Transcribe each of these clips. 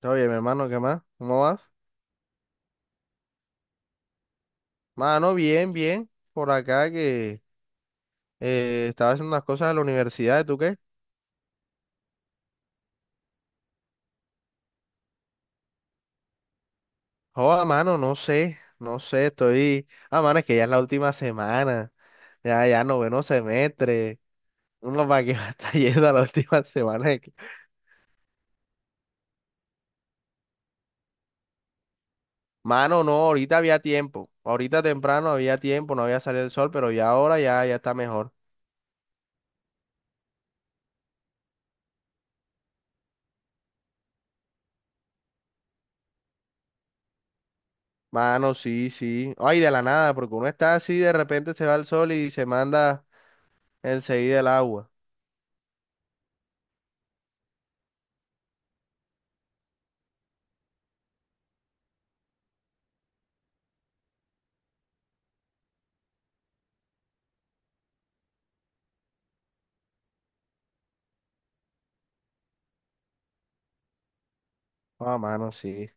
Todo bien, mi hermano, ¿qué más? ¿Cómo vas? Mano, bien, bien. Por acá que estaba haciendo unas cosas de la universidad. ¿Tú qué? Joda, mano, no sé, no sé, estoy. Ah, mano, es que ya es la última semana, ya noveno semestre. Uno para que va a estar yendo a la última semana. Mano, no, ahorita había tiempo. Ahorita temprano había tiempo, no había salido el sol, pero ya ahora ya está mejor. Mano, sí, sí. Ay, de la nada, porque uno está así, de repente se va el sol y se manda enseguida el agua. Ah, mano, sí.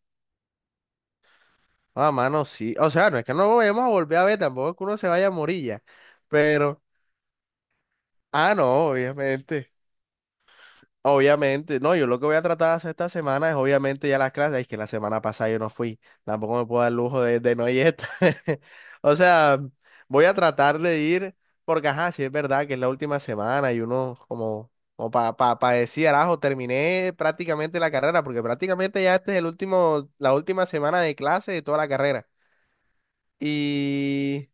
Ah, mano, sí. O sea, no es que no lo vayamos a volver a ver, tampoco es que uno se vaya a morir. Pero, ah, no, obviamente. Obviamente. No, yo lo que voy a tratar de hacer esta semana es obviamente ya las clases. Es que la semana pasada yo no fui. Tampoco me puedo dar el lujo de no ir esta. O sea, voy a tratar de ir, porque ajá, sí es verdad que es la última semana y uno como para pa decir, arajo, terminé prácticamente la carrera, porque prácticamente ya este es el último, la última semana de clase de toda la carrera. Y,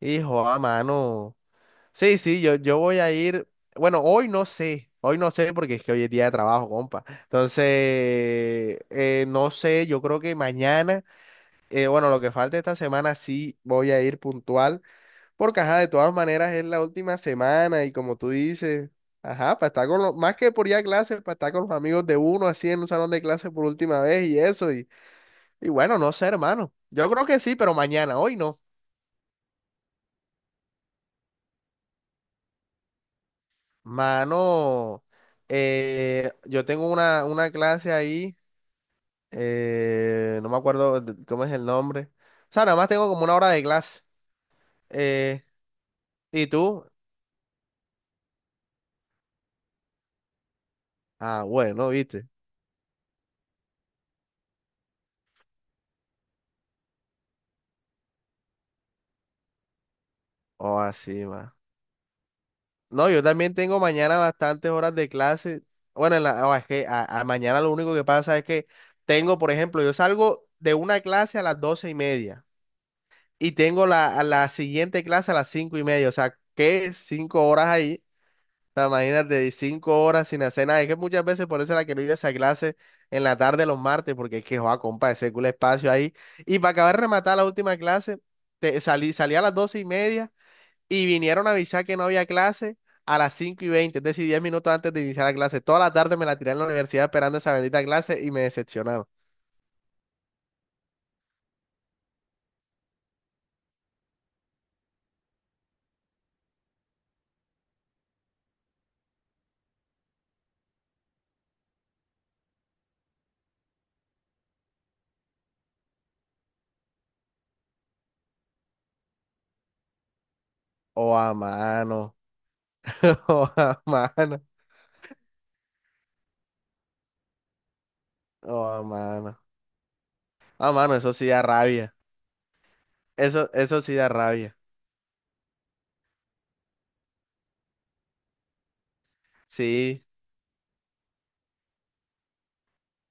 hijo, a mano. Sí, sí, yo voy a ir. Bueno, hoy no sé. Hoy no sé porque es que hoy es día de trabajo, compa. Entonces, no sé, yo creo que mañana, bueno, lo que falta esta semana sí voy a ir puntual, porque ajá, de todas maneras es la última semana y como tú dices, ajá, para estar con los, más que por ir a clases, para estar con los amigos de uno así en un salón de clases por última vez y eso, y bueno, no sé, hermano. Yo creo que sí, pero mañana, hoy no. Mano, yo tengo una clase ahí, no me acuerdo cómo es el nombre. O sea, nada más tengo como una hora de clase. Eh, ¿Y tú? Ah, bueno, viste. Oh, así, ma. No, yo también tengo mañana bastantes horas de clase. Bueno, oh, es que a mañana lo único que pasa es que tengo, por ejemplo, yo salgo de una clase a las 12:30 y tengo a la siguiente clase a las 5:30. O sea, ¿qué? 5 horas ahí. Imagínate, y 5 horas sin hacer nada. Es que muchas veces por eso era que no iba a esa clase en la tarde los martes, porque es que, joa, compa, ese culo espacio ahí. Y para acabar de rematar la última clase, salí a las 12:30 y vinieron a avisar que no había clase a las 5:20, es decir, 10 minutos antes de iniciar la clase. Toda la tarde me la tiré en la universidad esperando esa bendita clase y me decepcionaron. Oh, a mano. Oh, a mano. Oh, a mano. A mano, eso sí da rabia. Eso sí da rabia. Sí.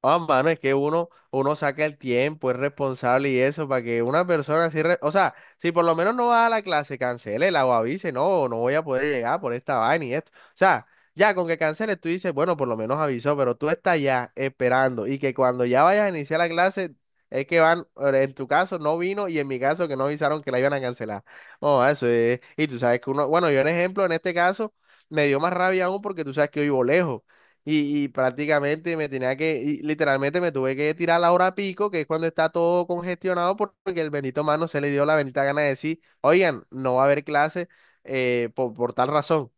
Ah, mano, es que uno saca el tiempo, es responsable y eso, para que una persona así, o sea, si por lo menos no va a la clase, cancele la o avise, no, no voy a poder llegar por esta vaina y esto. O sea, ya con que canceles tú dices, bueno, por lo menos avisó, pero tú estás ya esperando y que cuando ya vayas a iniciar la clase, es que van, en tu caso no vino y en mi caso que no avisaron que la iban a cancelar. Oh, eso es, y tú sabes que uno, bueno, yo en ejemplo, en este caso, me dio más rabia aún porque tú sabes que yo vivo lejos. Y prácticamente me tenía que, y literalmente me tuve que tirar a la hora pico, que es cuando está todo congestionado, porque el bendito mano se le dio la bendita gana de decir, oigan, no va a haber clase por, tal razón.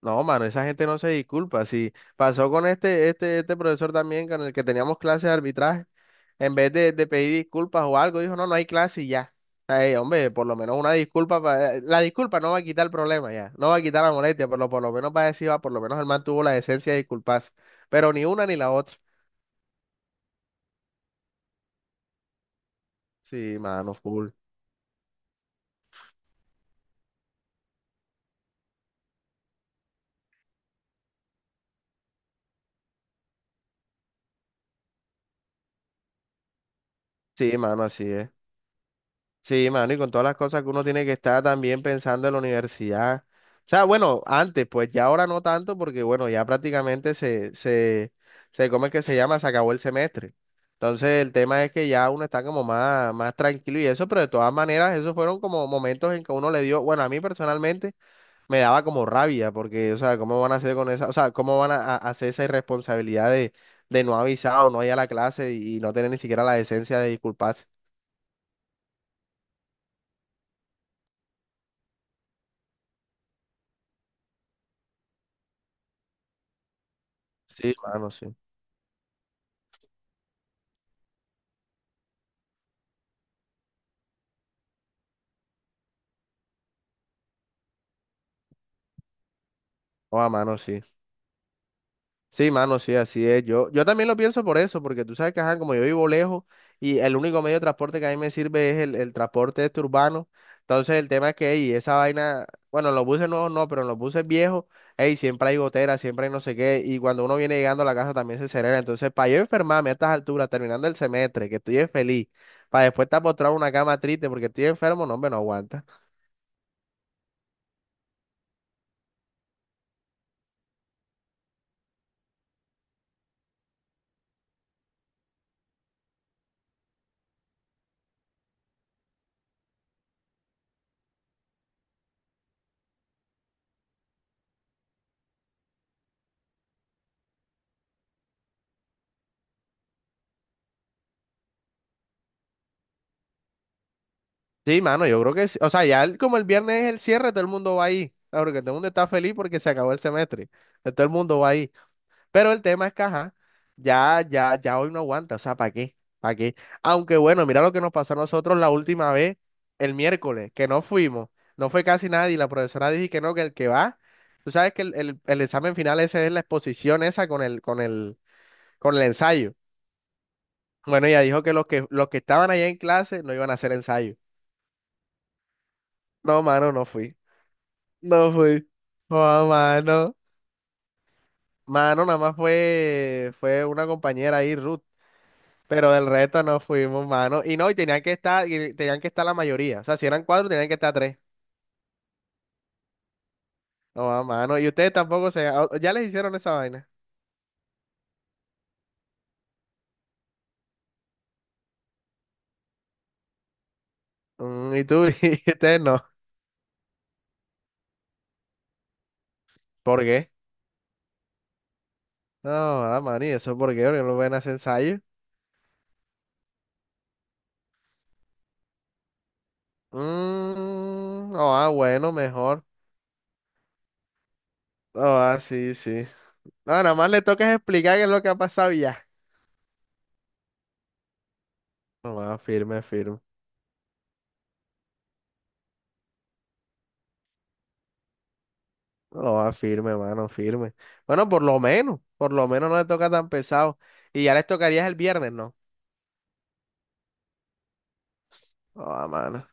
No, mano, esa gente no se disculpa. Si pasó con este profesor también con el que teníamos clases de arbitraje. En vez de pedir disculpas o algo, dijo, no, no hay clase y ya. Ay, hombre, por lo menos una disculpa. La disculpa no va a quitar el problema ya, no va a quitar la molestia, pero por lo menos va a decir, "Ah, por lo menos el man tuvo la decencia de disculparse". Pero ni una ni la otra. Sí, mano, full. Sí, mano, así es. Sí, mano, y con todas las cosas que uno tiene que estar también pensando en la universidad. O sea, bueno, antes, pues ya ahora no tanto, porque bueno, ya prácticamente se, ¿cómo es que se llama? Se acabó el semestre. Entonces, el tema es que ya uno está como más, más tranquilo y eso, pero de todas maneras, esos fueron como momentos en que uno le dio, bueno, a mí personalmente me daba como rabia, porque, o sea, ¿cómo van a hacer con esa, o sea, cómo van hacer esa irresponsabilidad de no avisar o no ir a la clase y no tener ni siquiera la decencia de disculparse? Sí, mano, sí. O a mano, sí. Sí, mano, sí, así es. Yo también lo pienso por eso, porque tú sabes que, ajá, como yo vivo lejos y el único medio de transporte que a mí me sirve es el transporte este urbano. Entonces, el tema es que, ey, esa vaina, bueno, en los buses nuevos no, pero en los buses viejos, ey, siempre hay goteras, siempre hay no sé qué. Y cuando uno viene llegando a la casa también se acelera. Entonces, para yo enfermarme a estas alturas, terminando el semestre, que estoy feliz, para después estar postrado en una cama triste porque estoy enfermo, no, hombre, no aguanta. Sí, mano, yo creo que sí. O sea, ya como el viernes es el cierre, todo el mundo va ahí. Ah, porque todo el mundo está feliz porque se acabó el semestre. Entonces, todo el mundo va ahí. Pero el tema es que, ajá, ya, ya, ya hoy no aguanta. O sea, ¿para qué? ¿Para qué? Aunque bueno, mira lo que nos pasó a nosotros la última vez, el miércoles, que no fuimos. No fue casi nadie. La profesora dijo que no, que el que va. Tú sabes que el, el examen final ese es la exposición esa con el, con el ensayo. Bueno, ella dijo que los que estaban allá en clase no iban a hacer ensayo. No, mano, no fui. No fui. Joda, mano. Mano, nada más fue una compañera ahí, Ruth. Pero del resto no fuimos, mano. Y no, y tenían que estar la mayoría. O sea, si eran cuatro, tenían que estar tres. No, mano. Y ustedes tampoco ya les hicieron esa vaina. Mm, y tú, y ustedes no. ¿Por qué? No, ah, mano, ¿y eso por qué? Porque no ven a hacer ensayo. Mm, no, ah, bueno, mejor. No, ah, sí, sí. No, nada más le tocas explicar qué es lo que ha pasado y ya. No, ah, firme, firme. No, va firme, mano, firme. Bueno, por lo menos no le toca tan pesado. Y ya les tocaría el viernes, ¿no? Ah, mano.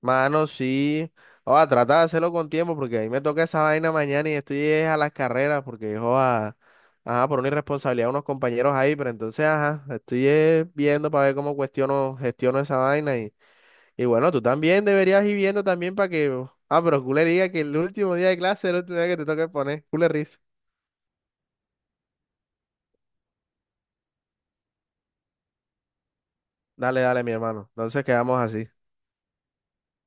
Mano, sí. Oh, trata de hacerlo con tiempo porque a mí me toca esa vaina mañana y estoy es a las carreras porque, joda, ajá, por una irresponsabilidad de unos compañeros ahí, pero entonces, ajá, estoy es viendo para ver cómo cuestiono, gestiono esa vaina y bueno, tú también deberías ir viendo también para que, ah, pero culé diga que el último día de clase es el último día que te toca poner, culé risa. Dale, dale, mi hermano. Entonces quedamos así.